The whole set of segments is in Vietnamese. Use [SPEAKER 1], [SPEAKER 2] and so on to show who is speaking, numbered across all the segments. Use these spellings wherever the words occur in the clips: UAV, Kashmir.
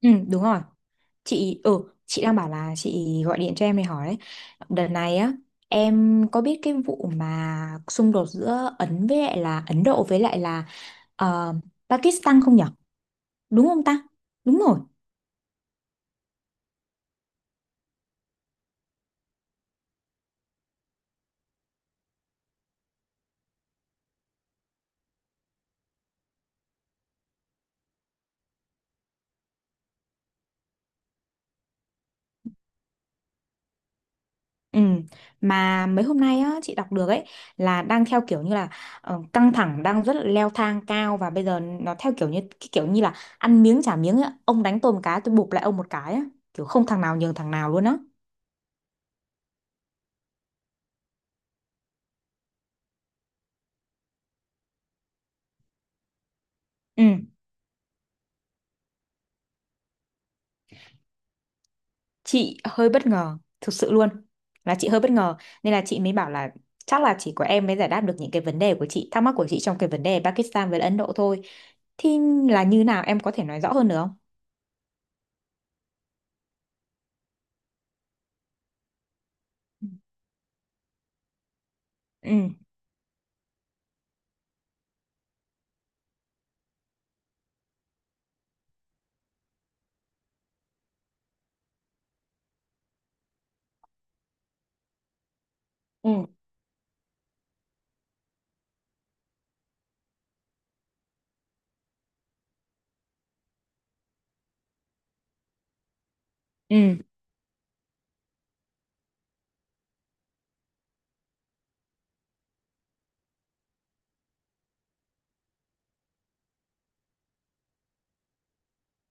[SPEAKER 1] Ừ, đúng rồi. Chị đang bảo là chị gọi điện cho em để hỏi đấy. Đợt này á, em có biết cái vụ mà xung đột giữa Ấn Độ với lại là ờ, Pakistan không nhở? Đúng không ta? Đúng rồi. Ừ, mà mấy hôm nay á chị đọc được ấy là đang theo kiểu như là căng thẳng đang rất là leo thang cao và bây giờ nó theo kiểu như cái kiểu như là ăn miếng trả miếng ấy. Ông đánh tôi một cái tôi bụp lại ông một cái á, kiểu không thằng nào nhường thằng nào luôn á. Ừ. chị hơi bất ngờ thực sự luôn là chị hơi bất ngờ nên là chị mới bảo là chắc là chỉ có em mới giải đáp được những cái vấn đề của chị thắc mắc của chị trong cái vấn đề Pakistan với Ấn Độ thôi, thì là như nào em có thể nói rõ hơn được không? Ừ Ừ. Ừ.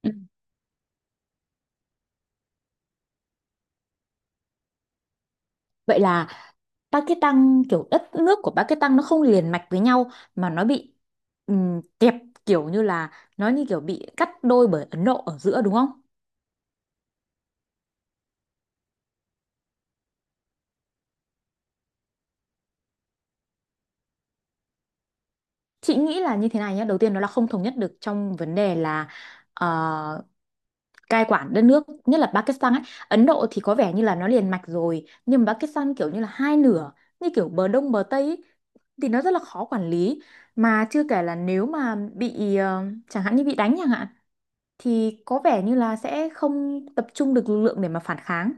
[SPEAKER 1] Ừ. Vậy là Pakistan, kiểu đất nước của Pakistan nó không liền mạch với nhau mà nó bị kẹp, kiểu như là nó như kiểu bị cắt đôi bởi Ấn Độ ở giữa đúng không? Chị nghĩ là như thế này nhé. Đầu tiên nó là không thống nhất được trong vấn đề là ờ, cai quản đất nước, nhất là Pakistan ấy. Ấn Độ thì có vẻ như là nó liền mạch rồi nhưng mà Pakistan kiểu như là hai nửa, như kiểu bờ đông bờ tây ấy, thì nó rất là khó quản lý, mà chưa kể là nếu mà bị chẳng hạn như bị đánh chẳng hạn, thì có vẻ như là sẽ không tập trung được lực lượng để mà phản kháng.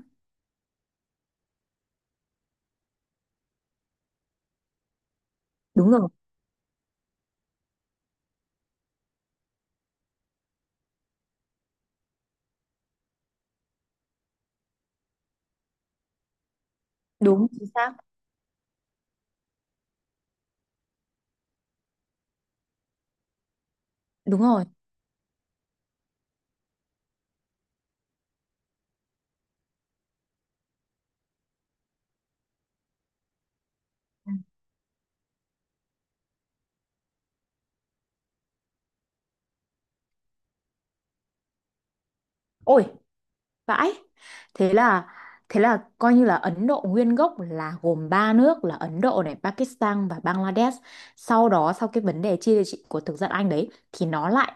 [SPEAKER 1] Đúng rồi. Đúng chính xác. Đúng rồi. Ôi, vãi. Thế là thế là coi như là Ấn Độ nguyên gốc là gồm ba nước là Ấn Độ này, Pakistan và Bangladesh. Sau đó sau cái vấn đề chia địa trị của thực dân Anh đấy thì nó lại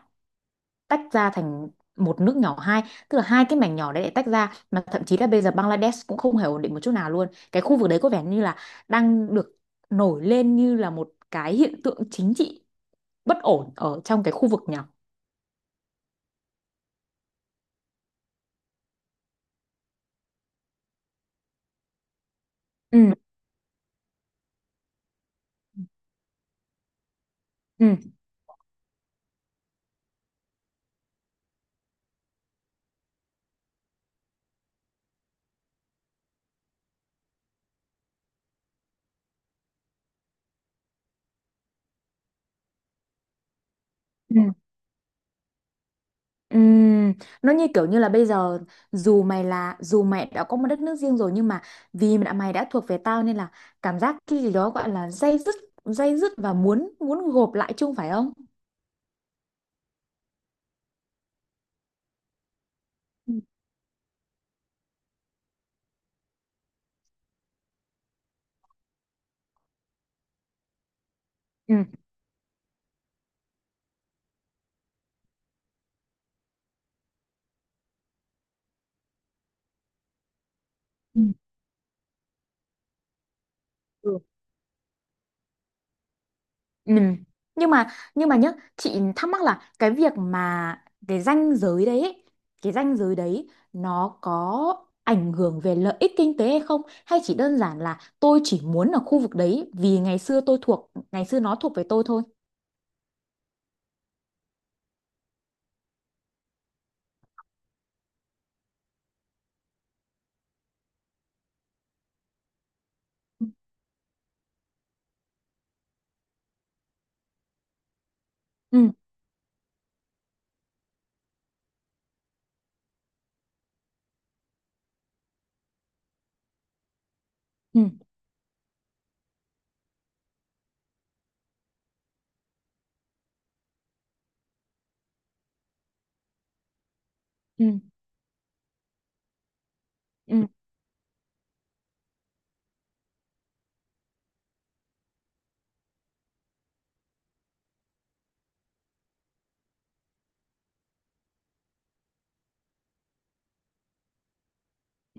[SPEAKER 1] tách ra thành một nước nhỏ hai, tức là hai cái mảnh nhỏ đấy lại tách ra, mà thậm chí là bây giờ Bangladesh cũng không hề ổn định một chút nào luôn. Cái khu vực đấy có vẻ như là đang được nổi lên như là một cái hiện tượng chính trị bất ổn ở trong cái khu vực nhỏ. Ừ. Ừ. Ừ. Ừm, nó như kiểu như là bây giờ dù mày đã có một đất nước riêng rồi nhưng mà vì mày đã thuộc về tao nên là cảm giác cái gì đó gọi là day dứt, day dứt và muốn muốn gộp lại chung phải không? Ừ. Ừ. Ừ. Ừ. Ừ. Nhưng mà nhưng mà nhá, chị thắc mắc là cái việc mà cái ranh giới đấy ấy, cái ranh giới đấy nó có ảnh hưởng về lợi ích kinh tế hay không, hay chỉ đơn giản là tôi chỉ muốn ở khu vực đấy vì ngày xưa nó thuộc về tôi thôi. Ừ. Ừ. Ừ. Ừ.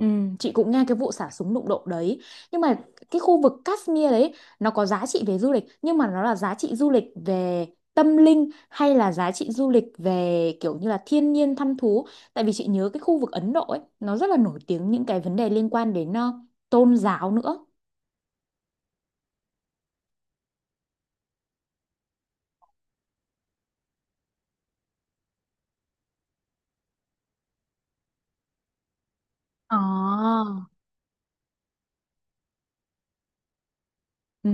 [SPEAKER 1] Ừ. Chị cũng nghe cái vụ xả súng đụng độ đấy, nhưng mà cái khu vực Kashmir đấy, nó có giá trị về du lịch, nhưng mà nó là giá trị du lịch về tâm linh hay là giá trị du lịch về kiểu như là thiên nhiên thăm thú? Tại vì chị nhớ cái khu vực Ấn Độ ấy nó rất là nổi tiếng những cái vấn đề liên quan đến tôn giáo nữa. Ồ. Ừ.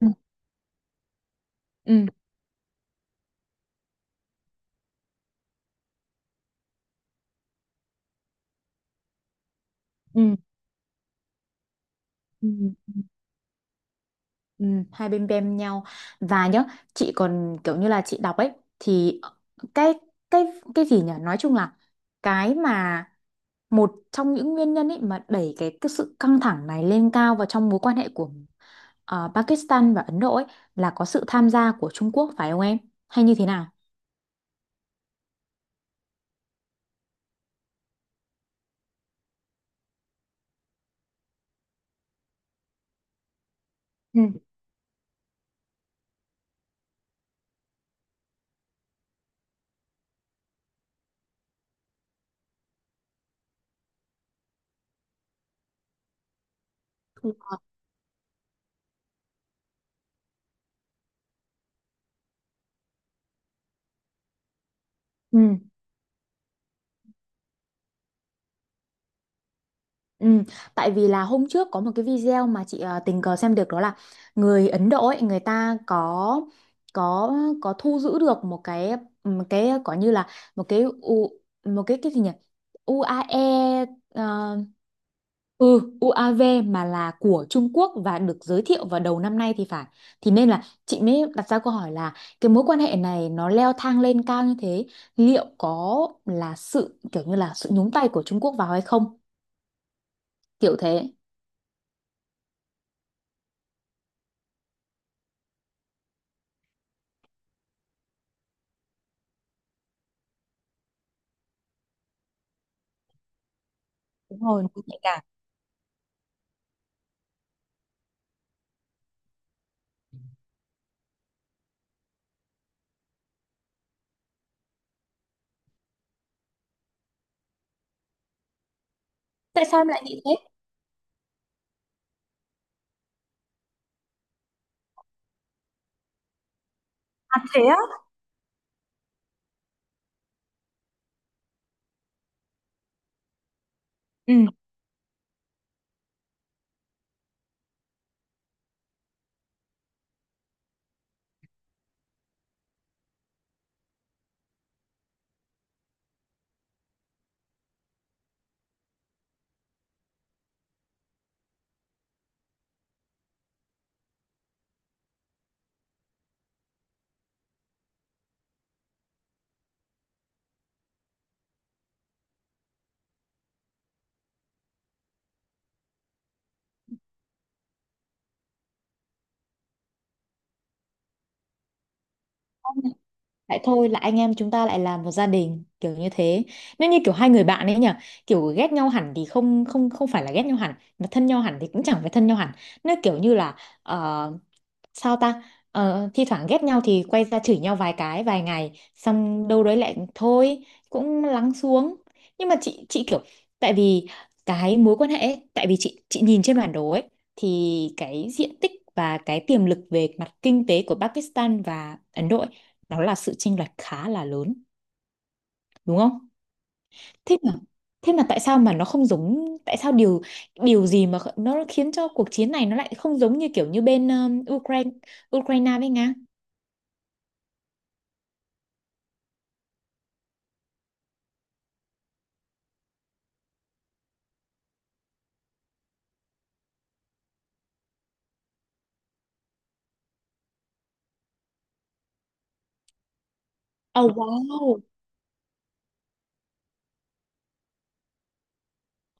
[SPEAKER 1] Ừ. Ừ. Ừ. Ừ, hai bên bem nhau. Và nhớ, chị còn kiểu như là đọc ấy, thì cái cái cái gì nhỉ nói chung là cái mà một trong những nguyên nhân ấy mà đẩy cái sự căng thẳng này lên cao vào trong mối quan hệ của Pakistan và Ấn Độ ấy, là có sự tham gia của Trung Quốc phải không em, hay như thế nào? Ừ. Ừ. Ừ, tại vì là hôm trước có một cái video mà chị tình cờ xem được, đó là người Ấn Độ ấy, người ta có có thu giữ được một cái, ừ, một cái có như là một cái u, một cái gì nhỉ UAE, ờ, ừ UAV, mà là của Trung Quốc và được giới thiệu vào đầu năm nay thì phải. Thì nên là chị mới đặt ra câu hỏi là cái mối quan hệ này nó leo thang lên cao như thế, liệu có là sự kiểu như là sự nhúng tay của Trung Quốc vào hay không, kiểu thế. Đúng rồi, nó cũng nhạy cảm. Tại sao em lại nghĩ thế? Lại thôi là anh em chúng ta lại làm một gia đình kiểu như thế. Nếu như kiểu hai người bạn ấy nhỉ, kiểu ghét nhau hẳn thì không không không phải là ghét nhau hẳn, mà thân nhau hẳn thì cũng chẳng phải thân nhau hẳn. Nó kiểu như là ờ, sao ta thi thoảng ghét nhau thì quay ra chửi nhau vài cái vài ngày xong đâu đấy lại thôi, cũng lắng xuống. Nhưng mà chị kiểu, tại vì cái mối quan hệ ấy, tại vì chị nhìn trên bản đồ ấy, thì cái diện tích và cái tiềm lực về mặt kinh tế của Pakistan và Ấn Độ ấy, nó là sự chênh lệch khá là lớn, đúng không? Thế mà thế mà tại sao mà nó không giống, tại sao điều điều gì mà kh- nó khiến cho cuộc chiến này nó lại không giống như kiểu như bên Ukraine, Ukraine với Nga? Oh wow,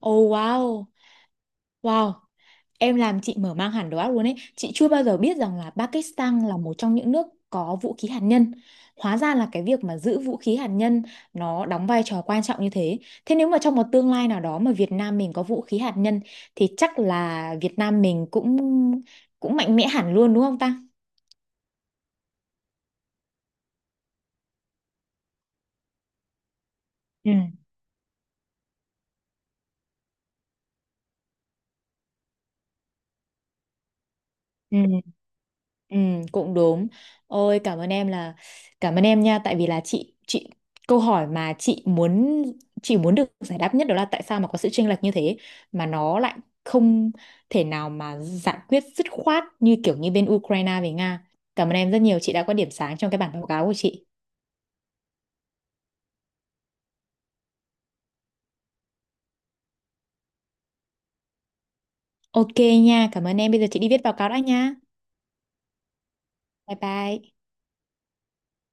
[SPEAKER 1] oh wow, wow. Em làm chị mở mang hẳn đầu óc luôn ấy. Chị chưa bao giờ biết rằng là Pakistan là một trong những nước có vũ khí hạt nhân. Hóa ra là cái việc mà giữ vũ khí hạt nhân nó đóng vai trò quan trọng như thế. Thế nếu mà trong một tương lai nào đó mà Việt Nam mình có vũ khí hạt nhân thì chắc là Việt Nam mình cũng cũng mạnh mẽ hẳn luôn đúng không ta? Ừ. Ừ. Ừ, cũng đúng. Ôi cảm ơn em, là cảm ơn em nha, tại vì là chị, câu hỏi mà chị muốn, chị muốn được giải đáp nhất đó là tại sao mà có sự chênh lệch như thế mà nó lại không thể nào mà giải quyết dứt khoát như kiểu như bên Ukraine với Nga. Cảm ơn em rất nhiều, chị đã có điểm sáng trong cái bản báo cáo của chị. Ok nha, cảm ơn em. Bây giờ chị đi viết báo cáo đã nha. Bye bye.